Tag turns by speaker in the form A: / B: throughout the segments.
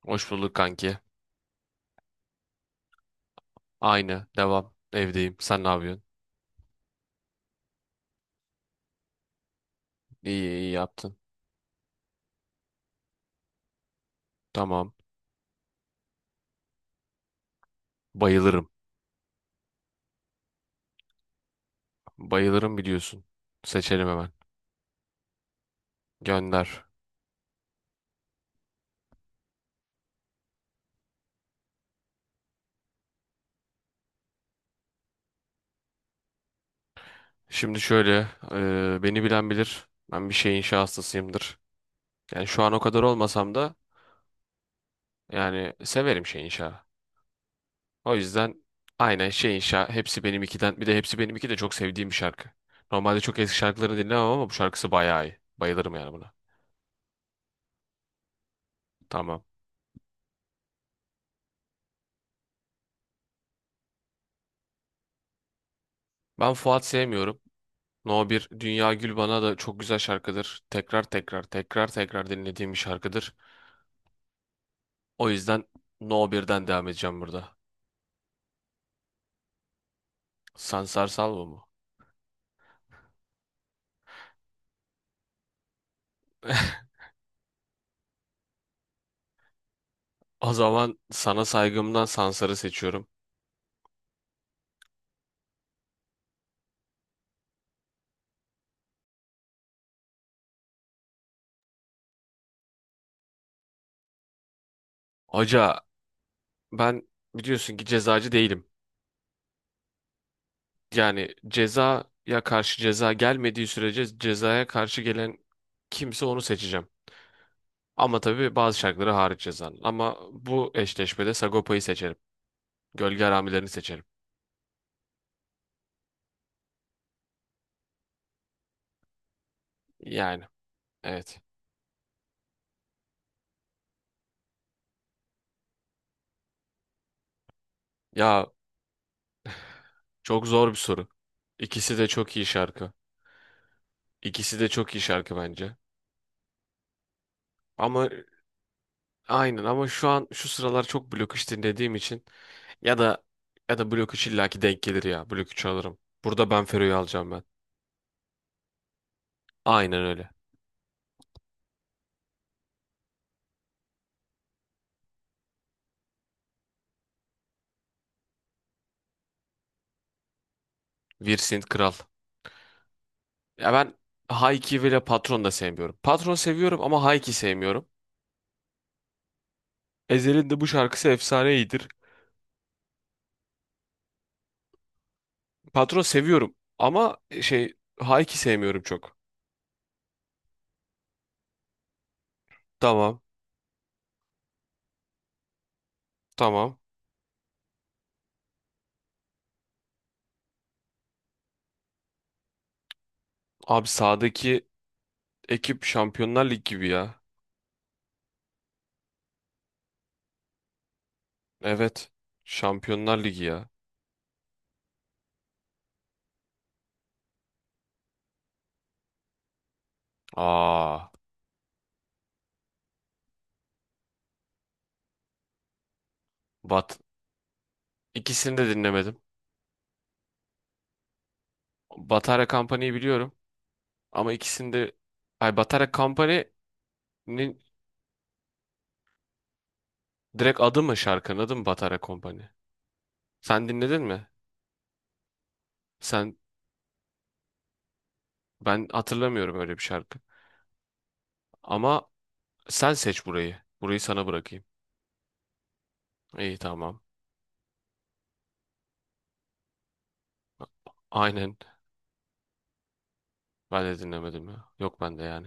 A: Hoş bulduk kanki. Aynı. Devam. Evdeyim. Sen ne yapıyorsun? İyi iyi yaptın. Tamam. Bayılırım. Bayılırım biliyorsun. Seçelim hemen. Gönder. Şimdi şöyle. Beni bilen bilir. Ben bir şey inşa hastasıyımdır. Yani şu an o kadar olmasam da yani severim şey inşa. O yüzden aynen şey inşa. Hepsi benim ikiden. Bir de hepsi benim iki de çok sevdiğim bir şarkı. Normalde çok eski şarkılarını dinlemem ama bu şarkısı bayağı iyi. Bayılırım yani buna. Tamam. Ben Fuat sevmiyorum. No bir Dünya Gül bana da çok güzel şarkıdır. Tekrar tekrar tekrar tekrar dinlediğim bir şarkıdır. O yüzden No birden devam edeceğim burada. Sansar Salvo mu? O zaman sana saygımdan Sansar'ı seçiyorum. Hoca, ben biliyorsun ki cezacı değilim. Yani cezaya karşı ceza gelmediği sürece cezaya karşı gelen kimse onu seçeceğim. Ama tabii bazı şarkıları hariç cezanın. Ama bu eşleşmede Sagopa'yı seçerim. Gölge Haramilerini seçerim. Yani evet. Ya çok zor bir soru. İkisi de çok iyi şarkı. İkisi de çok iyi şarkı bence. Ama aynen ama şu an şu sıralar çok Blok 3 dinlediğim için ya da ya da Blok 3 illaki denk gelir ya. Blok 3 alırım. Burada Ben Fero'yu alacağım ben. Aynen öyle. Virsint Kral. Ya ben Hayki ve Patron da sevmiyorum. Patron seviyorum ama Hayki sevmiyorum. Ezhel'in de bu şarkısı efsane iyidir. Patron seviyorum ama Hayki sevmiyorum çok. Tamam. Tamam. Abi sağdaki ekip Şampiyonlar Ligi gibi ya. Evet. Şampiyonlar Ligi ya. Aa, Bat. İkisini de dinlemedim. Batarya Company'yi biliyorum ama ikisini de... Ay Batarya Company'nin direkt adı mı, şarkının adı mı Batarya Company? Sen dinledin mi? Sen Ben hatırlamıyorum öyle bir şarkı. Ama sen seç burayı. Burayı sana bırakayım. İyi, tamam. Aynen. Ben de dinlemedim ya. Yok bende yani.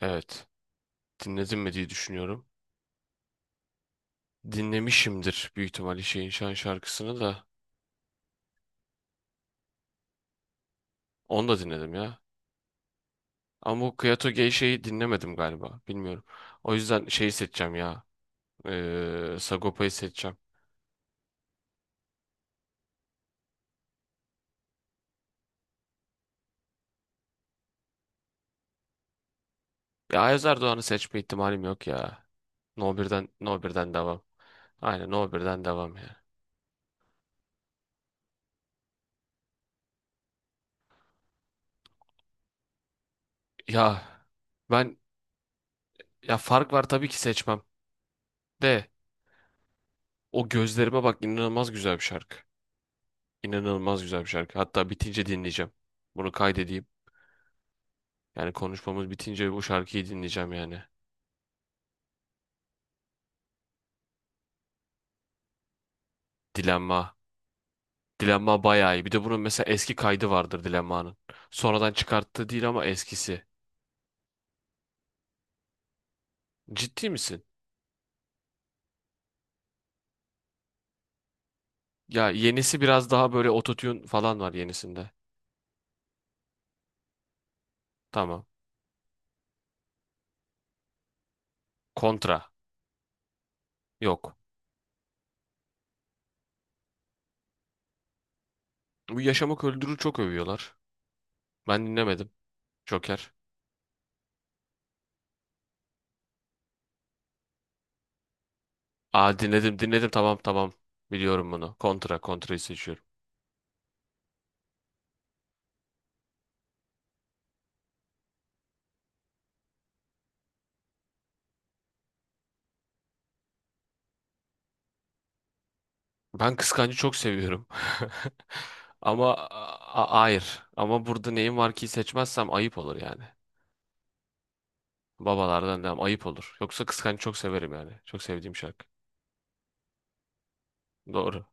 A: Evet. Dinledim mi diye düşünüyorum. Dinlemişimdir büyük ihtimalle şeyin şan şarkısını da. Onu da dinledim ya. Ama bu Kyoto Geisha'yı dinlemedim galiba. Bilmiyorum. O yüzden şeyi seçeceğim ya. Sagopa'yı seçeceğim. Ya Ayaz Erdoğan'ı seçme ihtimalim yok ya. No 1'den devam. Aynen No 1'den devam ya. Ya ben ya fark var, tabii ki seçmem. De o gözlerime bak inanılmaz güzel bir şarkı. İnanılmaz güzel bir şarkı. Hatta bitince dinleyeceğim. Bunu kaydedeyim. Yani konuşmamız bitince bu şarkıyı dinleyeceğim yani. Dilenma. Dilenma bayağı iyi. Bir de bunun mesela eski kaydı vardır Dilenma'nın. Sonradan çıkarttığı değil ama eskisi. Ciddi misin? Ya yenisi biraz daha böyle ototune falan var yenisinde. Tamam. Kontra. Yok. Bu Yaşamak Öldürür çok övüyorlar. Ben dinlemedim. Joker. Dinledim dinledim, tamam tamam. Biliyorum bunu. Kontra. Kontra'yı seçiyorum. Ben Kıskancı çok seviyorum. Ama hayır. Ama burada neyim var ki, seçmezsem ayıp olur yani. Babalardan devam. Ayıp olur. Yoksa Kıskanç çok severim yani. Çok sevdiğim şarkı. Doğru.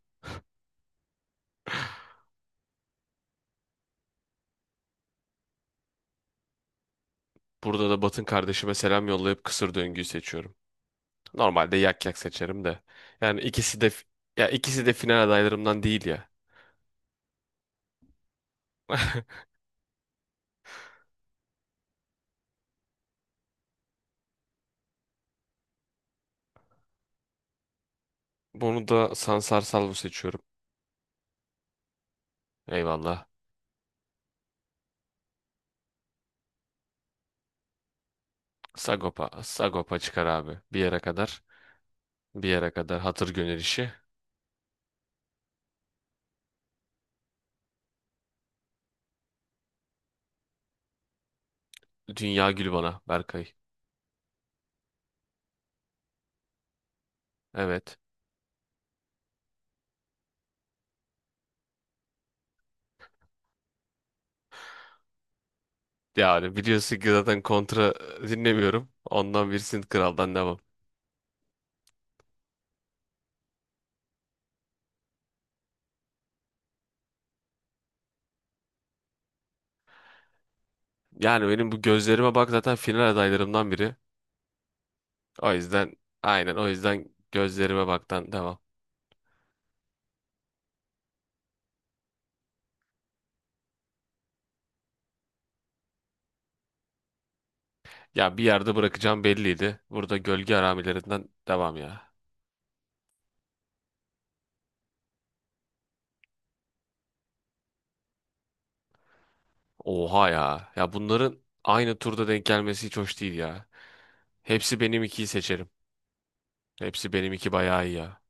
A: Burada da Batın kardeşime selam yollayıp kısır döngüyü seçiyorum. Normalde yak yak seçerim de. Yani ikisi de Ya ikisi de final adaylarımdan değil ya. Bunu da Sansar Salvo seçiyorum. Eyvallah. Sagopa. Sagopa çıkar abi. Bir yere kadar. Bir yere kadar. Hatır gönül işi. Dünya gül bana Berkay. Evet. Yani biliyorsun ki zaten kontra dinlemiyorum. Ondan bir Sint Kral'dan devam. Yani benim bu gözlerime bak zaten final adaylarımdan biri. O yüzden aynen O yüzden gözlerime baktan devam. Ya bir yerde bırakacağım belliydi. Burada gölge aramilerinden devam ya. Oha ya. Ya bunların aynı turda denk gelmesi hiç hoş değil ya. Hepsi benim ikiyi seçerim. Hepsi benim iki bayağı iyi ya.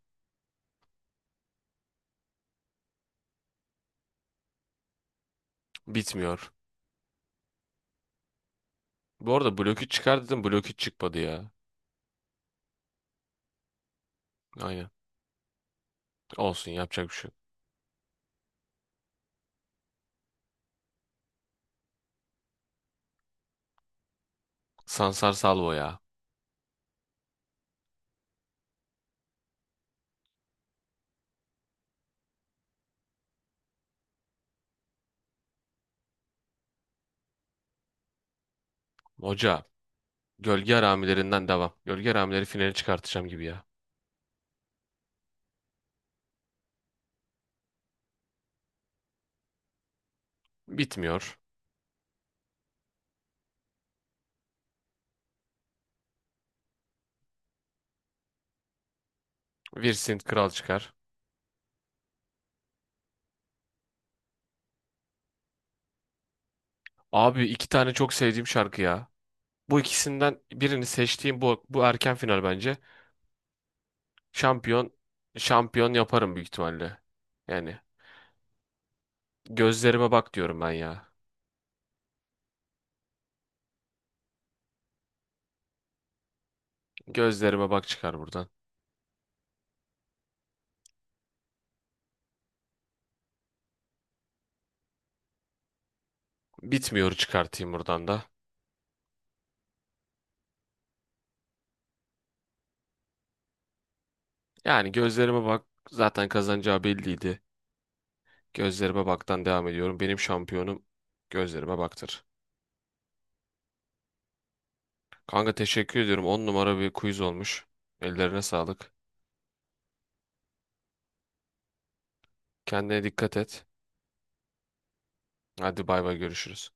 A: Bitmiyor. Bu arada blok 3 çıkar dedim, blok 3 çıkmadı ya. Aynen. Olsun, yapacak bir şey yok. Sansar Salvo ya. Hoca. Gölge aramilerinden devam. Gölge aramileri finali çıkartacağım gibi ya. Bitmiyor. Virsint Kral çıkar. Abi iki tane çok sevdiğim şarkı ya. Bu ikisinden birini seçtiğim, bu erken final bence. Şampiyon şampiyon yaparım büyük ihtimalle. Yani gözlerime bak diyorum ben ya. Gözlerime bak çıkar buradan. Bitmiyor, çıkartayım buradan da. Yani gözlerime bak zaten kazanacağı belliydi. Gözlerime baktan devam ediyorum. Benim şampiyonum gözlerime baktır. Kanka teşekkür ediyorum. On numara bir quiz olmuş. Ellerine sağlık. Kendine dikkat et. Hadi bay bay, görüşürüz.